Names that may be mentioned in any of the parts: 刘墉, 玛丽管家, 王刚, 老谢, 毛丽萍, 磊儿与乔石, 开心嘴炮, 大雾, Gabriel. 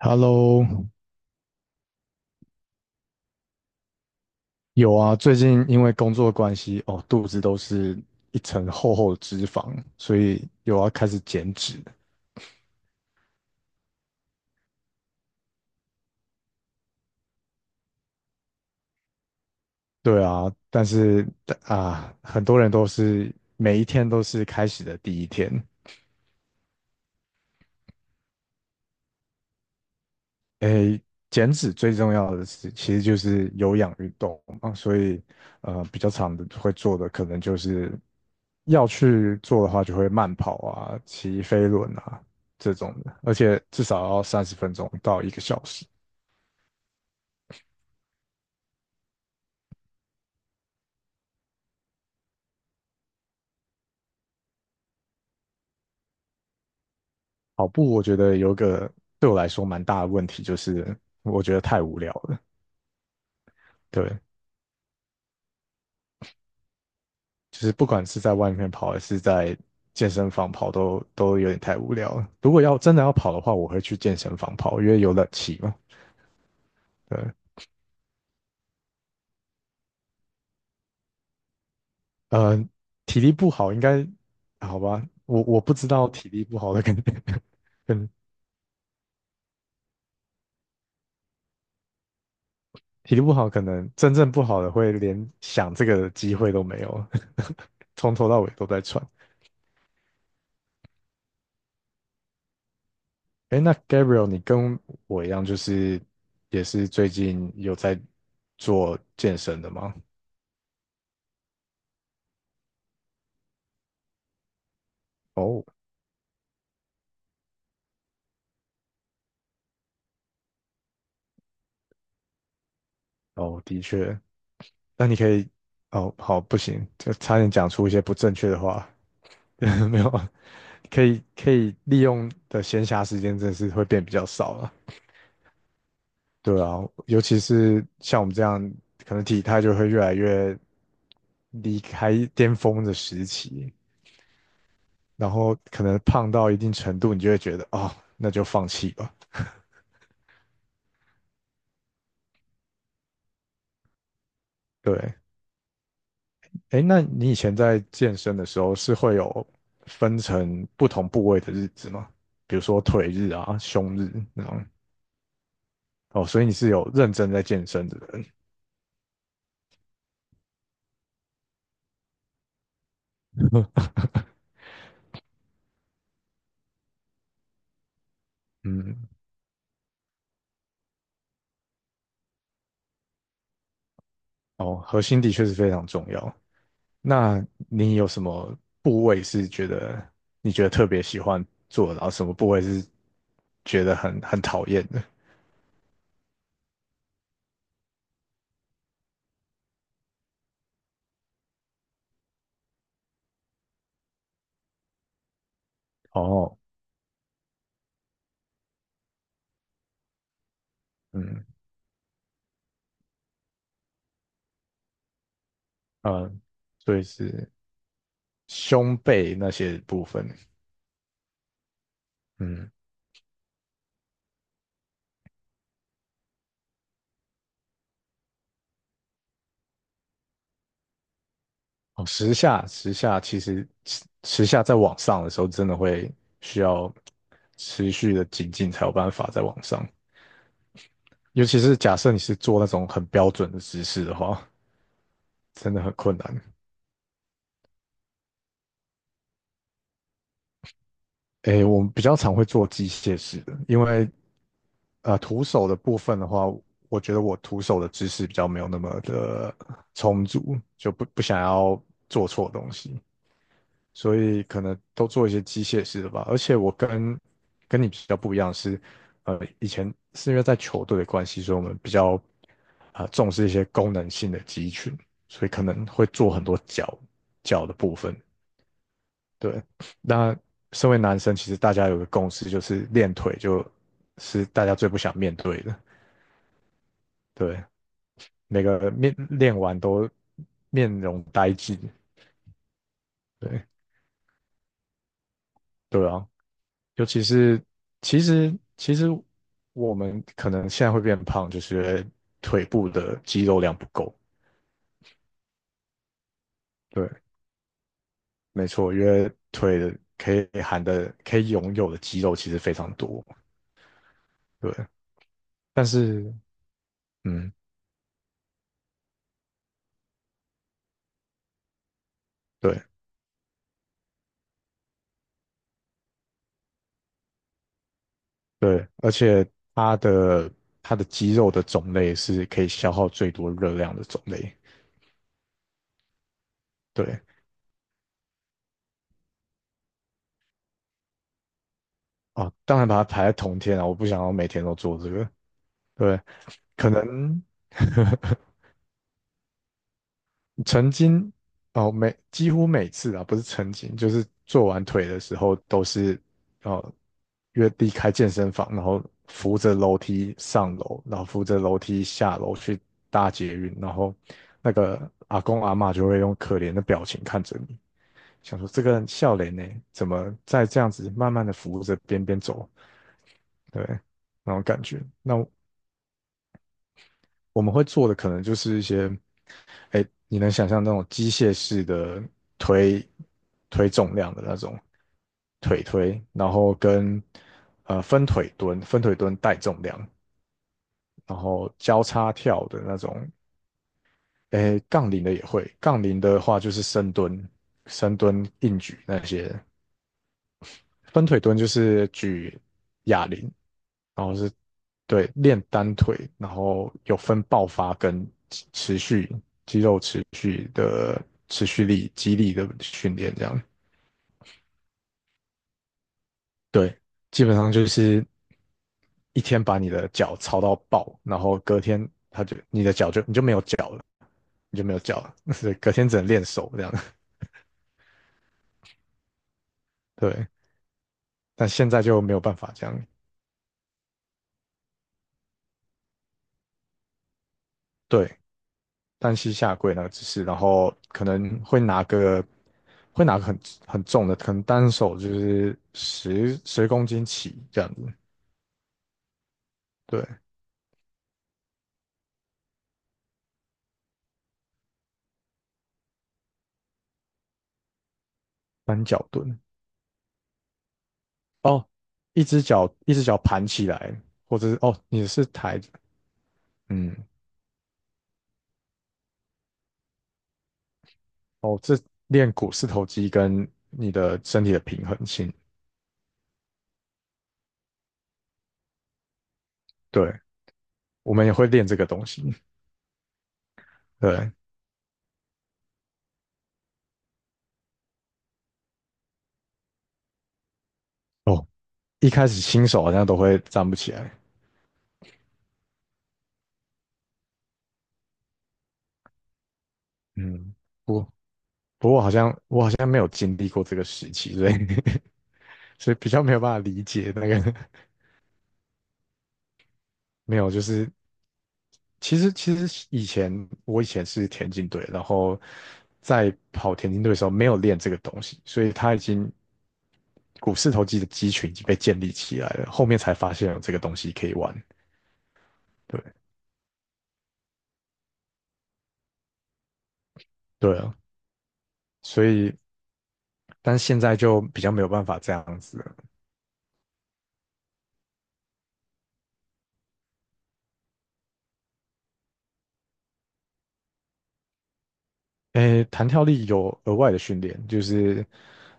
Hello。有啊，最近因为工作关系，哦，肚子都是一层厚厚的脂肪，所以有要开始减脂。对啊，但是啊，很多人都是每一天都是开始的第一天。诶，减脂最重要的是，其实就是有氧运动嘛，所以比较长的会做的可能就是要去做的话，就会慢跑啊、骑飞轮啊这种的，而且至少要三十分钟到一个小时。跑步我觉得有个对我来说蛮大的问题，就是我觉得太无聊了。对，就是不管是在外面跑还是在健身房跑都，都有点太无聊了。如果要真的要跑的话，我会去健身房跑，因为有冷气嘛。对，呃，体力不好应该好吧？我不知道体力不好的 可能，嗯，体力不好可能真正不好的会连想这个机会都没有，从头到尾都在喘。哎，那 Gabriel，你跟我一样，就是也是最近有在做健身的吗？哦，哦，的确。那你可以，哦，好，不行，就差点讲出一些不正确的话，没有，可以利用的闲暇时间真的是会变比较少了。对啊，尤其是像我们这样，可能体态就会越来越离开巅峰的时期，然后可能胖到一定程度，你就会觉得，哦，那就放弃吧。对，哎，那你以前在健身的时候是会有分成不同部位的日子吗？比如说腿日啊、胸日那种。哦，所以你是有认真在健身的人。嗯，哦，核心的确是非常重要。那你有什么部位是觉得你觉得特别喜欢做的然后什么部位是觉得很讨厌的？哦，嗯嗯，所以是胸背那些部分。嗯，哦，时下在往上的时候，真的会需要持续的精进才有办法在往上。尤其是假设你是做那种很标准的姿势的话，真的很困难。诶，我们比较常会做机械式的，因为徒手的部分的话，我觉得我徒手的姿势比较没有那么的充足，就不想要做错东西。所以可能都做一些机械式的吧。而且跟你比较不一样是，呃，以前是因为在球队的关系，所以我们比较重视一些功能性的肌群，所以可能会做很多脚的部分。对，那身为男生，其实大家有个共识，就是练腿就是大家最不想面对的。对，每个练完都面容呆滞。对，对啊，尤其是其实我们可能现在会变胖，就是因为腿部的肌肉量不够。对，没错，因为腿的可以拥有的肌肉其实非常多。对，但是嗯，对对，而且它的它的肌肉的种类是可以消耗最多热量的种类。对啊，当然把它排在同天啊，我不想要每天都做这个。对，可能 曾经哦，几乎每次啊，不是曾经，就是做完腿的时候都是哦，约离开健身房，然后扶着楼梯上楼，然后扶着楼梯下楼去搭捷运，然后那个阿公阿嬷就会用可怜的表情看着你，想说这个人笑脸呢，怎么在这样子慢慢的扶着边边走，对，那种感觉。那我们会做的可能就是一些，哎，你能想象那种机械式的推推重量的那种腿推，然后跟分腿蹲、分腿蹲带重量，然后交叉跳的那种，哎，杠铃的也会，杠铃的话就是深蹲、硬举那些，分腿蹲就是举哑铃，然后是对练单腿，然后有分爆发跟持续肌肉持续的持续力、肌力的训练，这样对，基本上就是一天把你的脚操到爆，然后隔天他就你的脚就你就没有脚了，所以隔天只能练手这样，对，但现在就没有办法这样，对，单膝下跪那个姿势，然后可能会会拿个很很重的，可能单手就是十公斤起这样子，对，单脚蹲哦，一只脚盘起来，或者是哦你是抬，嗯，哦这练股四头肌跟你的身体的平衡性，对，我们也会练这个东西，对，哦，一开始新手好像都会站不起来，嗯。不不过好像我好像没有经历过这个时期，所以 所以比较没有办法理解那个 没有，就是其实以前我以前是田径队，然后在跑田径队的时候没有练这个东西，所以他已经股四头肌的肌群已经被建立起来了，后面才发现有这个东西可以玩，对对啊，所以但是现在就比较没有办法这样子了诶，弹跳力有额外的训练，就是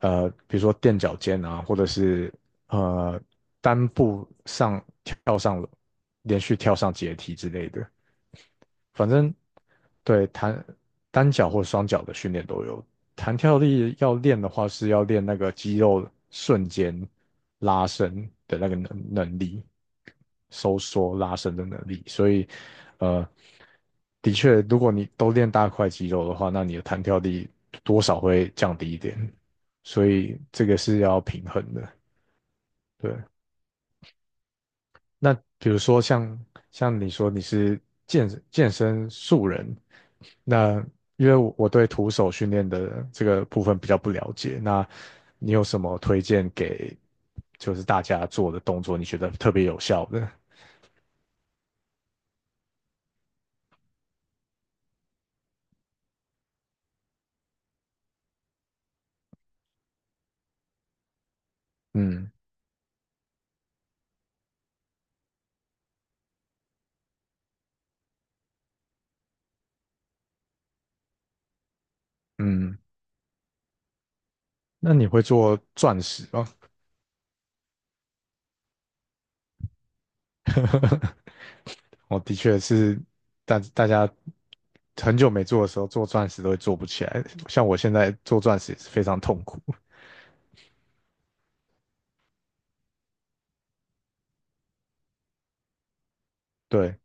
比如说垫脚尖啊，或者是呃单步上跳上连续跳上阶梯之类的。反正对弹单脚或双脚的训练都有。弹跳力要练的话，是要练那个肌肉瞬间拉伸的那个能力，收缩拉伸的能力。所以，呃，的确，如果你都练大块肌肉的话，那你的弹跳力多少会降低一点。所以这个是要平衡的，对。那比如说像你说你是健身素人，那因为我对徒手训练的这个部分比较不了解，那你有什么推荐给就是大家做的动作，你觉得特别有效的？嗯嗯，那你会做钻石吗？我的确是大家很久没做的时候，做钻石都会做不起来，像我现在做钻石也是非常痛苦。对，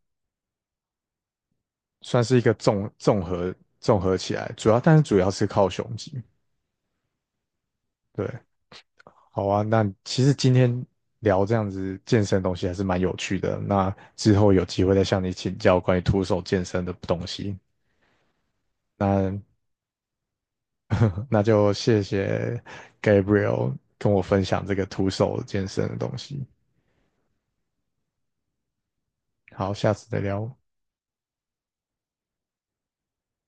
算是一个综合综合起来，主要是靠胸肌。对，好啊，那其实今天聊这样子健身的东西还是蛮有趣的。那之后有机会再向你请教关于徒手健身的东西。那就谢谢 Gabriel 跟我分享这个徒手健身的东西。好，下次再聊。